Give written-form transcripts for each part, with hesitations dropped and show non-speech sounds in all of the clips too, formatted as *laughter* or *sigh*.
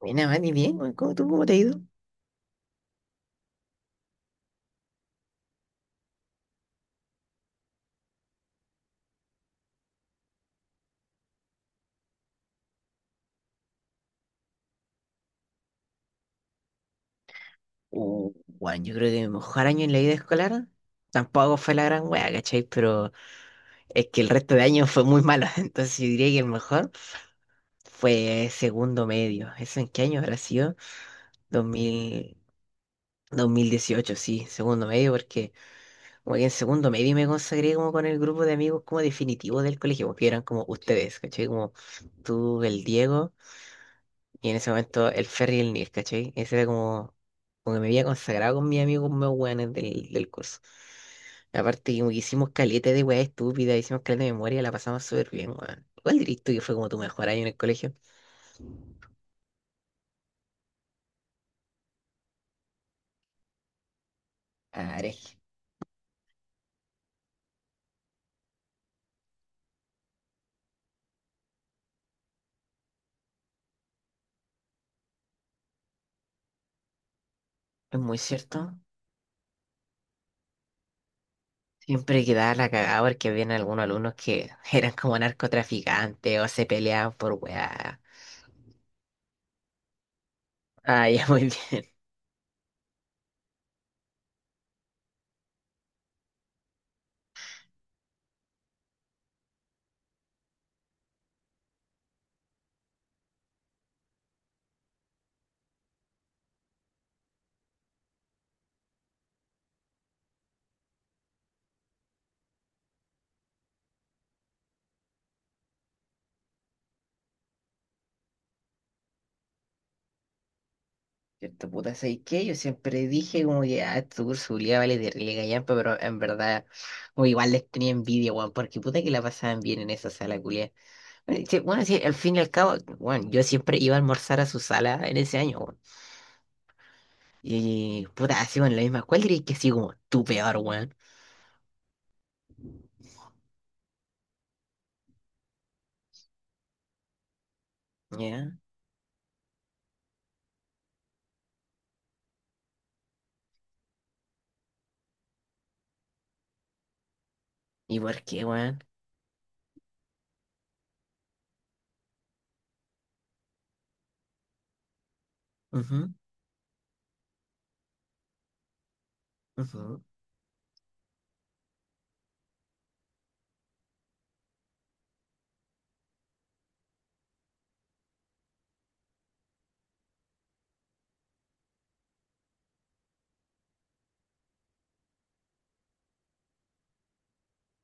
Buena, Mati, bien, weón. ¿Cómo, tú, cómo te ha ido? Uh, Weón, yo creo que mi mejor año en la vida escolar tampoco fue la gran wea, ¿cachai? Pero es que el resto de años fue muy malo, *laughs* entonces yo diría que el mejor fue segundo medio. ¿Eso en qué año habrá sido? 2000, 2018, sí, segundo medio, porque como que en segundo medio me consagré como con el grupo de amigos como definitivo del colegio, porque eran como ustedes, ¿cachai? Como tú, el Diego. Y en ese momento el ferry y el Nil, ¿cachai? Ese era como, como que me había consagrado con mis amigos más weones del curso. Aparte, como que hicimos caleta de weas estúpidas, hicimos caleta de memoria, la pasamos súper bien, weón. ¿Cuál dirías tú que fue como tu mejor año en el colegio? Ah, eres- Es muy cierto. Siempre quedaba la cagada porque habían algunos alumnos que *laughs* eran como narcotraficantes o se peleaban por weá. Ah, ya muy bien. Cierto, puta, ¿sabes qué? Yo siempre dije como que, ah, estos cursos culiados vale de relega gallampa, pero en verdad, o igual les tenía envidia, weón, porque puta que la pasaban bien en esa sala culiada. Bueno, sí, bueno, sí, al fin y al cabo, bueno, yo siempre iba a almorzar a su sala en ese año, weón. Y, puta, así, bueno, la misma, ¿cuál dirías que así como tu peor, weón? ¿Ya? ¿Y por qué, weón? Ujú, ujú.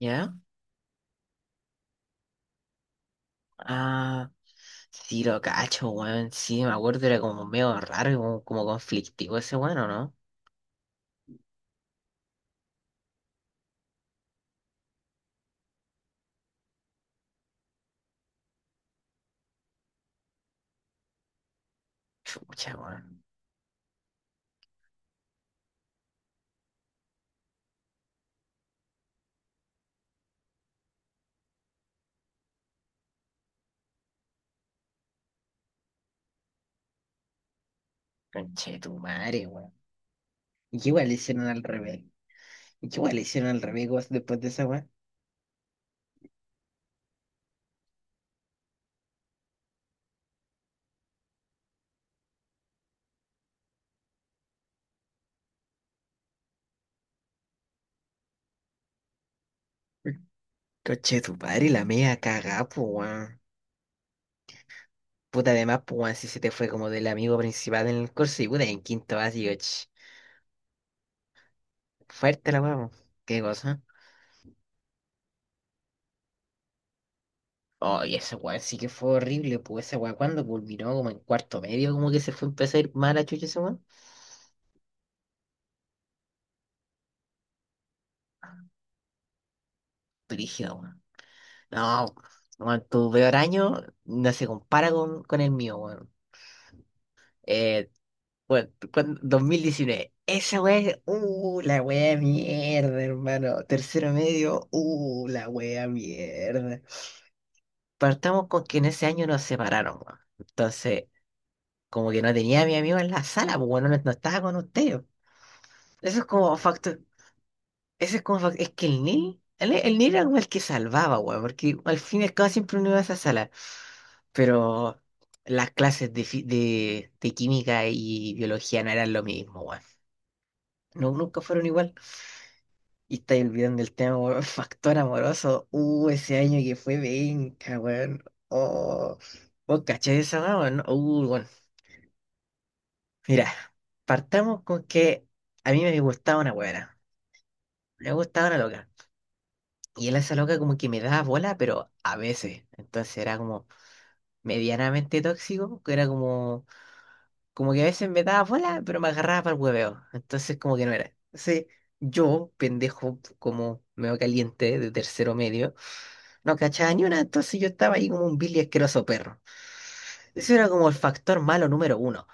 ¿Ya? Ah, sí lo cacho, weón, sí, me acuerdo, era como medio raro, y como, como conflictivo ese weón, ¿o no? Chucha, weón. Conche tu madre, weón. ¿Y qué igual le hicieron al revés? ¿Y qué igual le hicieron al revés, weón, después de esa weón? Conche tu madre, la media cagá, po, weón. Puta, además, po, weón, si se te fue como del amigo principal en el curso y puta, en quinto básico, ch. Fuerte la weón. ¿Qué cosa? Oh, y esa weón sí que fue horrible, pues esa weón cuando culminó como en cuarto medio, como que se fue empezó a ir mal a chucha esa weón. Brígida, weón. No, weón, tu peor año no se compara con el mío, weón. Eh, Bueno, dos mil diecinueve. Esa wea, la wea mierda, hermano. Tercero medio, la wea mierda. Partamos con que en ese año nos separaron, weón. Entonces, como que no tenía a mi amigo en la sala, pues bueno, no, no estaba con ustedes. Eso es como factor. Eso es como fac- Es que el Nil, el Nil era como el que salvaba, weón, porque al fin y al cabo siempre uno iba a esa sala. Pero las clases de química y biología no eran lo mismo, weón. No, nunca fueron igual. Y estáis olvidando el tema, weón, *laughs* factor amoroso. Ese año que fue venga, weón. Oh, vos cachai esa weá, weón. Bueno. Mira, partamos con que a mí me gustaba una weona. Me gustaba una loca. Y él, a esa loca, como que me daba bola, pero a veces. Entonces era como, medianamente tóxico, que era como, como que a veces me daba bola, pero me agarraba para el hueveo. Entonces, como que no era. Entonces, yo, pendejo, como medio caliente de tercero medio, no cachaba ni una, entonces yo estaba ahí como un vil y asqueroso perro. Eso era como el factor malo número uno.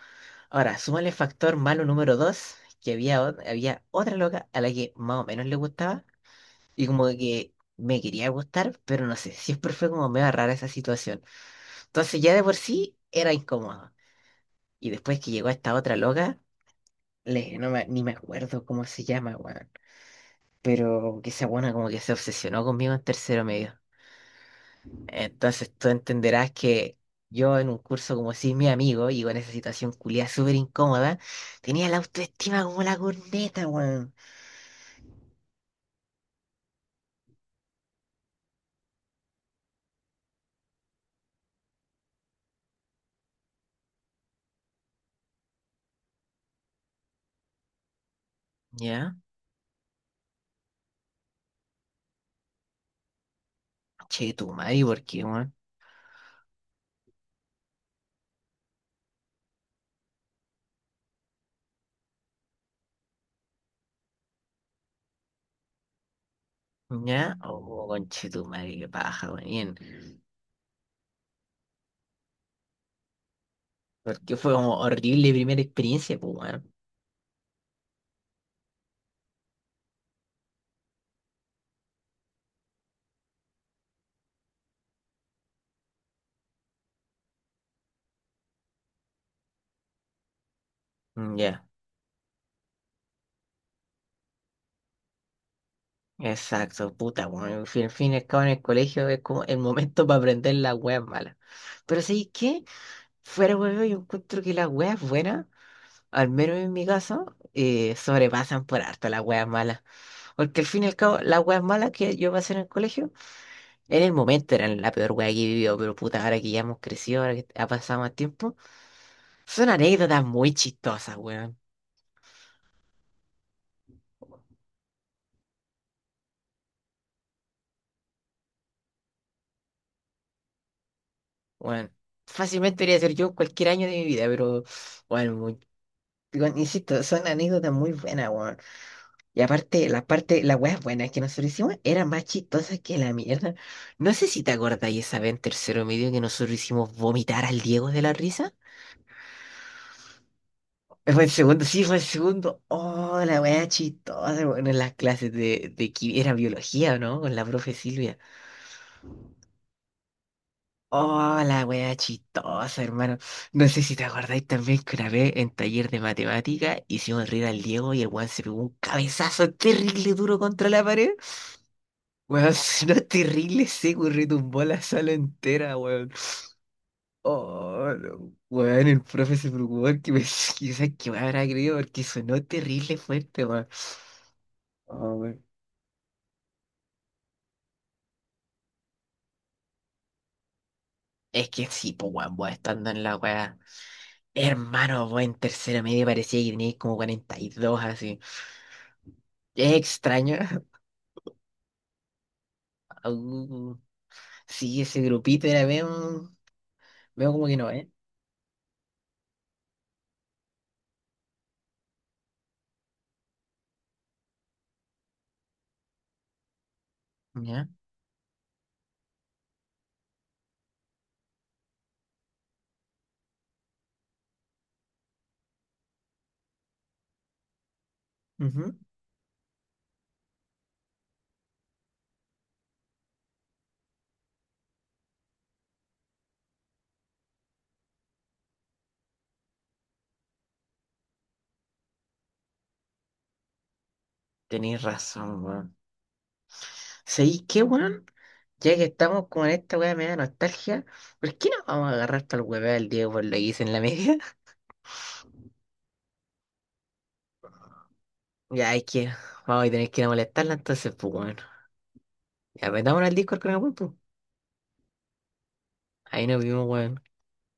Ahora, súmale el factor malo número dos, que había otra loca a la que más o menos le gustaba, y como que me quería gustar, pero no sé, siempre fue como medio rara esa situación. Entonces, ya de por sí era incómodo. Y después que llegó esta otra loca, le, no me- ni me acuerdo cómo se llama, weón. Pero que esa buena como que se obsesionó conmigo en tercero medio. Entonces tú entenderás que yo en un curso como si mi amigo, y en esa situación culiada súper incómoda, tenía la autoestima como la corneta, weón. ¿Ya? Che, tu madre, ¿por qué, weón? ¿Ya? Oh, conche tu madre, qué paja, weón. Bien. Porque fue como horrible primera experiencia, pues, weón. Ya. Exacto, puta, bueno, al fin y al cabo en el colegio es como el momento para aprender las weas malas. Pero ¿sabes qué? Fuera huevo, yo encuentro que las weas buenas, al menos en mi caso, sobrepasan por harto las weas malas. Porque al fin y al cabo, las weas malas que yo pasé en el colegio, en el momento eran la peor wea que he vivido, pero puta, ahora que ya hemos crecido, ahora que ha pasado más tiempo, son anécdotas muy chistosas, weón. Weón, fácilmente podría ser yo en cualquier año de mi vida, pero bueno. Igual, insisto, son anécdotas muy buenas, weón. Y aparte, las weas buenas que nosotros hicimos eran más chistosas que la mierda. No sé si te acordáis esa vez en tercero medio que nosotros hicimos vomitar al Diego de la risa. Fue el segundo, sí, fue el segundo. Oh, la wea chistosa, weón, en las clases de era biología, ¿o no? Con la profe Silvia. Oh, la wea chistosa, hermano. No sé si te acordáis también que una vez en taller de matemática hicimos reír al Diego y el weón se pegó un cabezazo terrible duro contra la pared. Weón, *laughs* si no es terrible seco y retumbó la sala entera, weón. Oh, no. Weón, el profe se preocupó que me *laughs* quizás que me habrá creído porque sonó terrible fuerte, weón. Oh, weón. Es que sí, pues weón, vos estando en la weá. Hermano, vos en tercera media parecía que tenías como 42 así. Es extraño. *laughs* Uh, sí, ese grupito era medio, medio como que no, ¿eh? Ya. Ujú. Tenéis razón, weón. ¿Sabéis qué, weón? Ya que estamos con esta weá me nostalgia, ¿por qué no vamos a agarrar para el hueveo del Diego por lo que hice en la media? *laughs* Ya es que vamos a tener que ir a molestarla entonces, pues bueno. Ya metámonos al Discord con el weón, pues. Ahí nos vimos, weón.